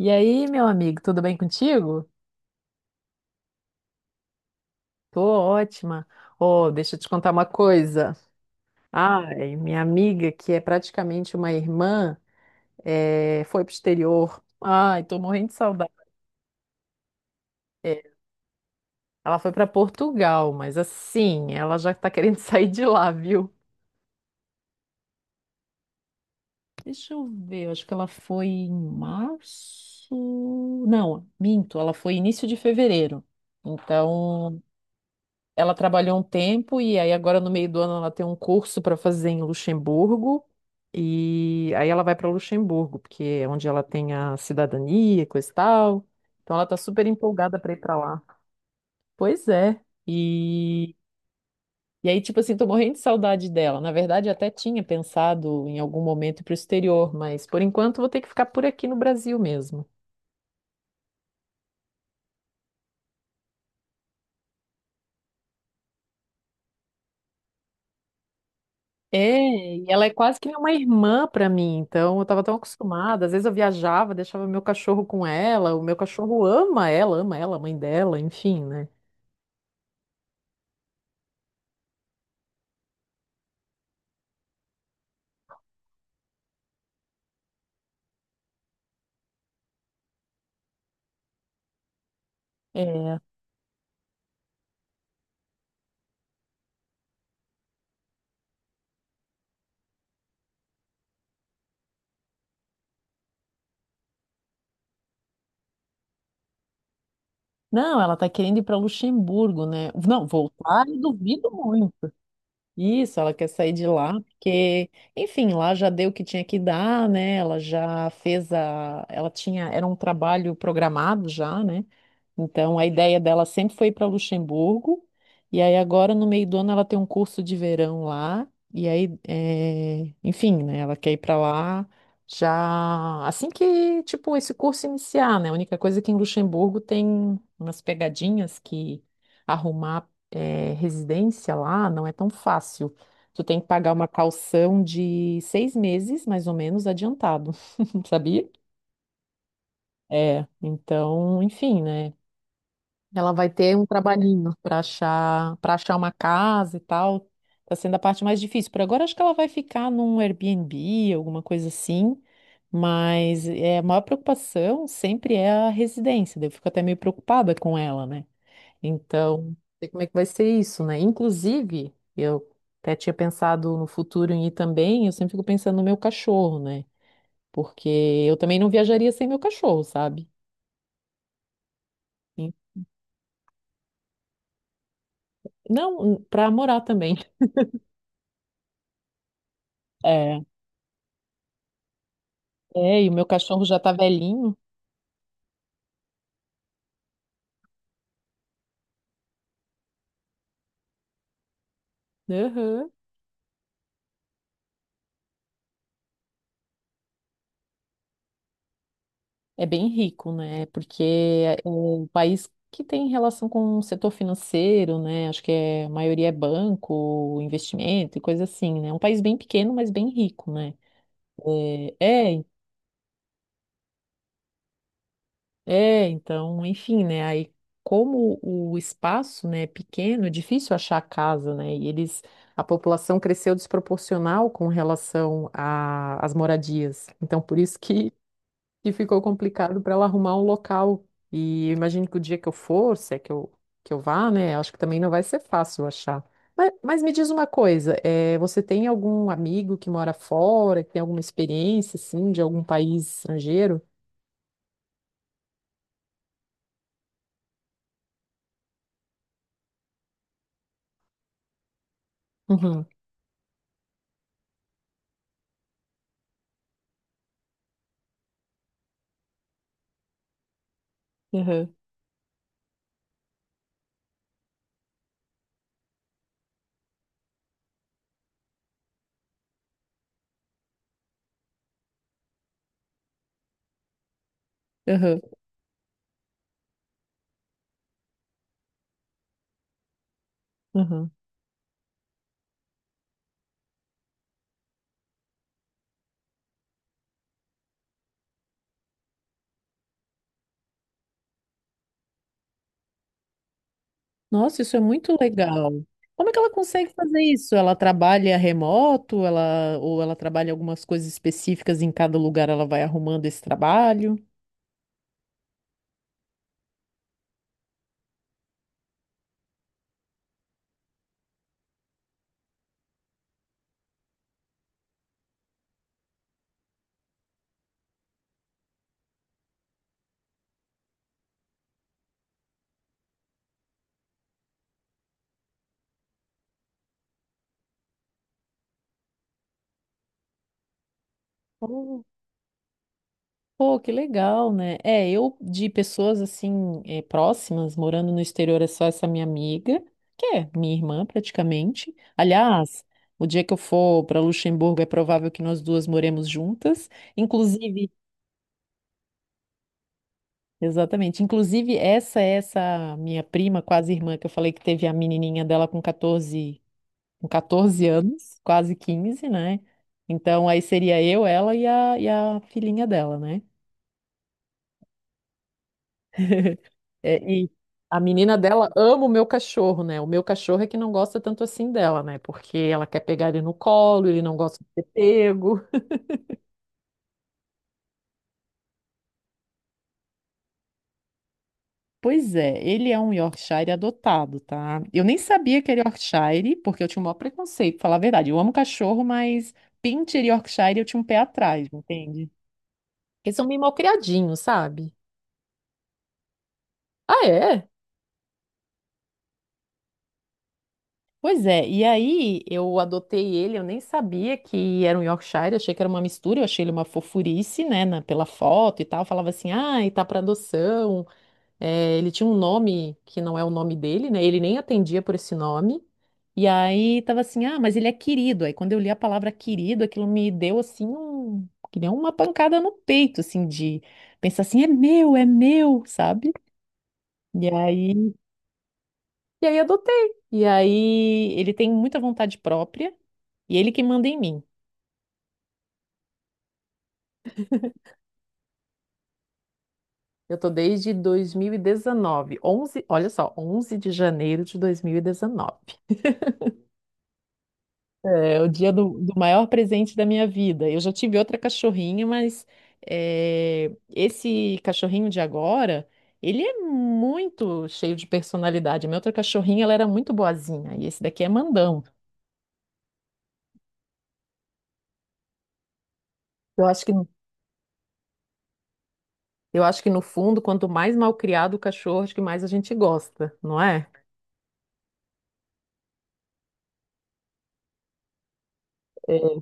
E aí, meu amigo, tudo bem contigo? Tô ótima. Oh, deixa eu te contar uma coisa. Ai, minha amiga, que é praticamente uma irmã, foi pro exterior. Ai, tô morrendo de saudade. É, ela foi pra Portugal, mas assim, ela já tá querendo sair de lá, viu? Deixa eu ver, acho que ela foi em março. Não, minto, ela foi início de fevereiro. Então, ela trabalhou um tempo e aí agora no meio do ano ela tem um curso para fazer em Luxemburgo e aí ela vai para Luxemburgo, porque é onde ela tem a cidadania, coisa e tal. Então ela tá super empolgada para ir para lá. Pois é. E e aí tipo assim, tô morrendo de saudade dela. Na verdade, eu até tinha pensado em algum momento ir pro exterior, mas por enquanto vou ter que ficar por aqui no Brasil mesmo. É, e ela é quase que nem uma irmã para mim, então eu estava tão acostumada. Às vezes eu viajava, deixava meu cachorro com ela, o meu cachorro ama ela, a mãe dela, enfim, né? É. Não, ela tá querendo ir para Luxemburgo, né? Não, voltar, eu duvido muito. Isso, ela quer sair de lá, porque, enfim, lá já deu o que tinha que dar, né? Ela já fez a. Ela tinha. Era um trabalho programado já, né? Então, a ideia dela sempre foi ir para Luxemburgo, e aí agora no meio do ano ela tem um curso de verão lá, e aí, enfim, né, ela quer ir para lá já assim que, tipo, esse curso iniciar, né? A única coisa é que em Luxemburgo tem umas pegadinhas que arrumar, residência lá não é tão fácil. Tu tem que pagar uma calção de 6 meses, mais ou menos, adiantado, sabia? É, então, enfim, né? Ela vai ter um trabalhinho para achar uma casa e tal. Tá sendo a parte mais difícil. Por agora, acho que ela vai ficar num Airbnb, alguma coisa assim. Mas é, a maior preocupação sempre é a residência. Daí eu fico até meio preocupada com ela, né? Então, não sei como é que vai ser isso, né? Inclusive, eu até tinha pensado no futuro em ir também. Eu sempre fico pensando no meu cachorro, né? Porque eu também não viajaria sem meu cachorro, sabe? Não, para morar também. É. É, e o meu cachorro já tá velhinho. Aham. É bem rico, né? Porque é um país que tem relação com o setor financeiro, né? Acho que é, a maioria é banco, investimento e coisa assim, né? É um país bem pequeno, mas bem rico, né? É, é, é, então, enfim, né? Aí, como o espaço, né, é pequeno, é difícil achar casa, né? E eles, a população cresceu desproporcional com relação a- às moradias. Então, por isso que e ficou complicado para ela arrumar um local. E eu imagino que o dia que eu for, se é que eu vá, né? Acho que também não vai ser fácil achar. Mas me diz uma coisa, você tem algum amigo que mora fora, que tem alguma experiência, assim, de algum país estrangeiro? Uhum, uhum, uhum, uhum. Nossa, isso é muito legal. Como é que ela consegue fazer isso? Ela trabalha remoto, ela, ou ela trabalha algumas coisas específicas em cada lugar, ela vai arrumando esse trabalho? Pô, que legal, né? É, eu de pessoas assim próximas, morando no exterior, é só essa minha amiga, que é minha irmã praticamente. Aliás, o dia que eu for para Luxemburgo é provável que nós duas moremos juntas. Inclusive, exatamente, inclusive essa é essa minha prima, quase irmã, que eu falei que teve a menininha dela com 14, com 14 anos, quase 15 né? Então aí seria eu, ela e a filhinha dela, né? É, e a menina dela ama o meu cachorro, né? O meu cachorro é que não gosta tanto assim dela, né? Porque ela quer pegar ele no colo, ele não gosta de ser pego. Pois é, ele é um Yorkshire adotado, tá? Eu nem sabia que era Yorkshire, porque eu tinha um maior preconceito, pra falar a verdade. Eu amo cachorro, mas Pinscher e Yorkshire eu tinha um pé atrás, entende? Porque são meio mal criadinhos, sabe? Ah, é? Pois é, e aí eu adotei ele, eu nem sabia que era um Yorkshire, achei que era uma mistura, eu achei ele uma fofurice, né, na- pela foto e tal, falava assim, ah, e tá para adoção. É, ele tinha um nome que não é o nome dele, né, ele nem atendia por esse nome, e aí tava assim, ah, mas ele é querido, aí quando eu li a palavra querido, aquilo me deu assim, um, que nem uma pancada no peito, assim, de pensar assim, é meu, sabe? E aí e aí adotei. E aí ele tem muita vontade própria e ele que manda em mim. Eu tô desde 2019, 11, olha só, 11 de janeiro de 2019. É o dia do, do maior presente da minha vida. Eu já tive outra cachorrinha, mas é, esse cachorrinho de agora, ele é muito cheio de personalidade. A minha outra cachorrinha, ela era muito boazinha e esse daqui é mandão. Eu acho que Eu acho que no fundo, quanto mais mal criado o cachorro, acho que mais a gente gosta, não é? É,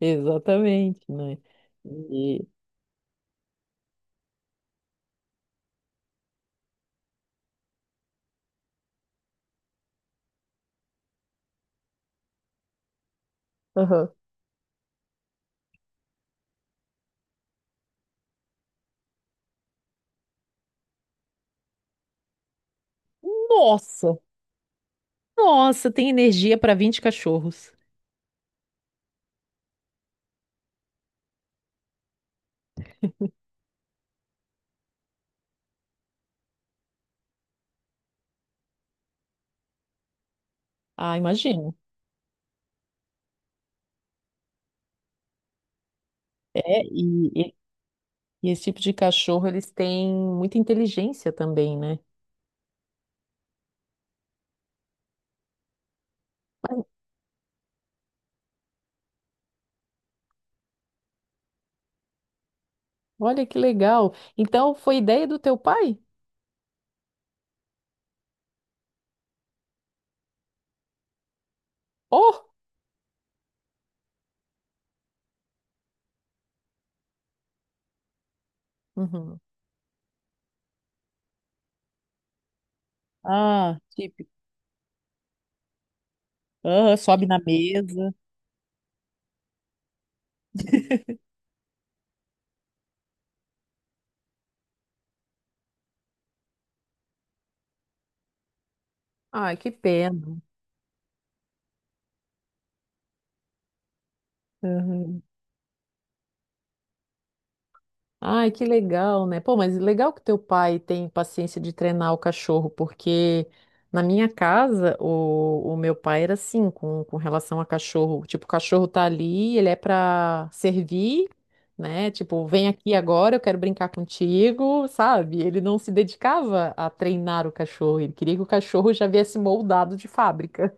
exatamente, né? E... Aham. Nossa, nossa, tem energia para 20 cachorros. Ah, imagino. É, e esse tipo de cachorro, eles têm muita inteligência também, né? Mas olha que legal. Então, foi ideia do teu pai? Oh! Uhum. Ah, típico. Ah, sobe na mesa. Ai, que pena. Uhum. Ai, que legal, né? Pô, mas legal que teu pai tem paciência de treinar o cachorro, porque na minha casa o meu pai era assim com relação a cachorro. Tipo, o cachorro tá ali, ele é pra servir, né? Tipo, vem aqui agora, eu quero brincar contigo, sabe? Ele não se dedicava a treinar o cachorro, ele queria que o cachorro já viesse moldado de fábrica.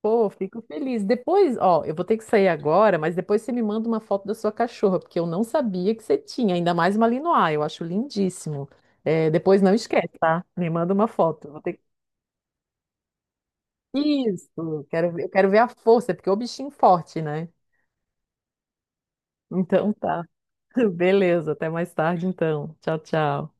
Pô, fico feliz. Depois, ó, eu vou ter que sair agora, mas depois você me manda uma foto da sua cachorra, porque eu não sabia que você tinha, ainda mais Malinois, eu acho lindíssimo. É, depois não esquece, tá? Me manda uma foto. Vou ter... que- Isso, quero ver, eu quero ver a força, porque é o bichinho forte, né? Então tá. Beleza, até mais tarde então. Tchau, tchau.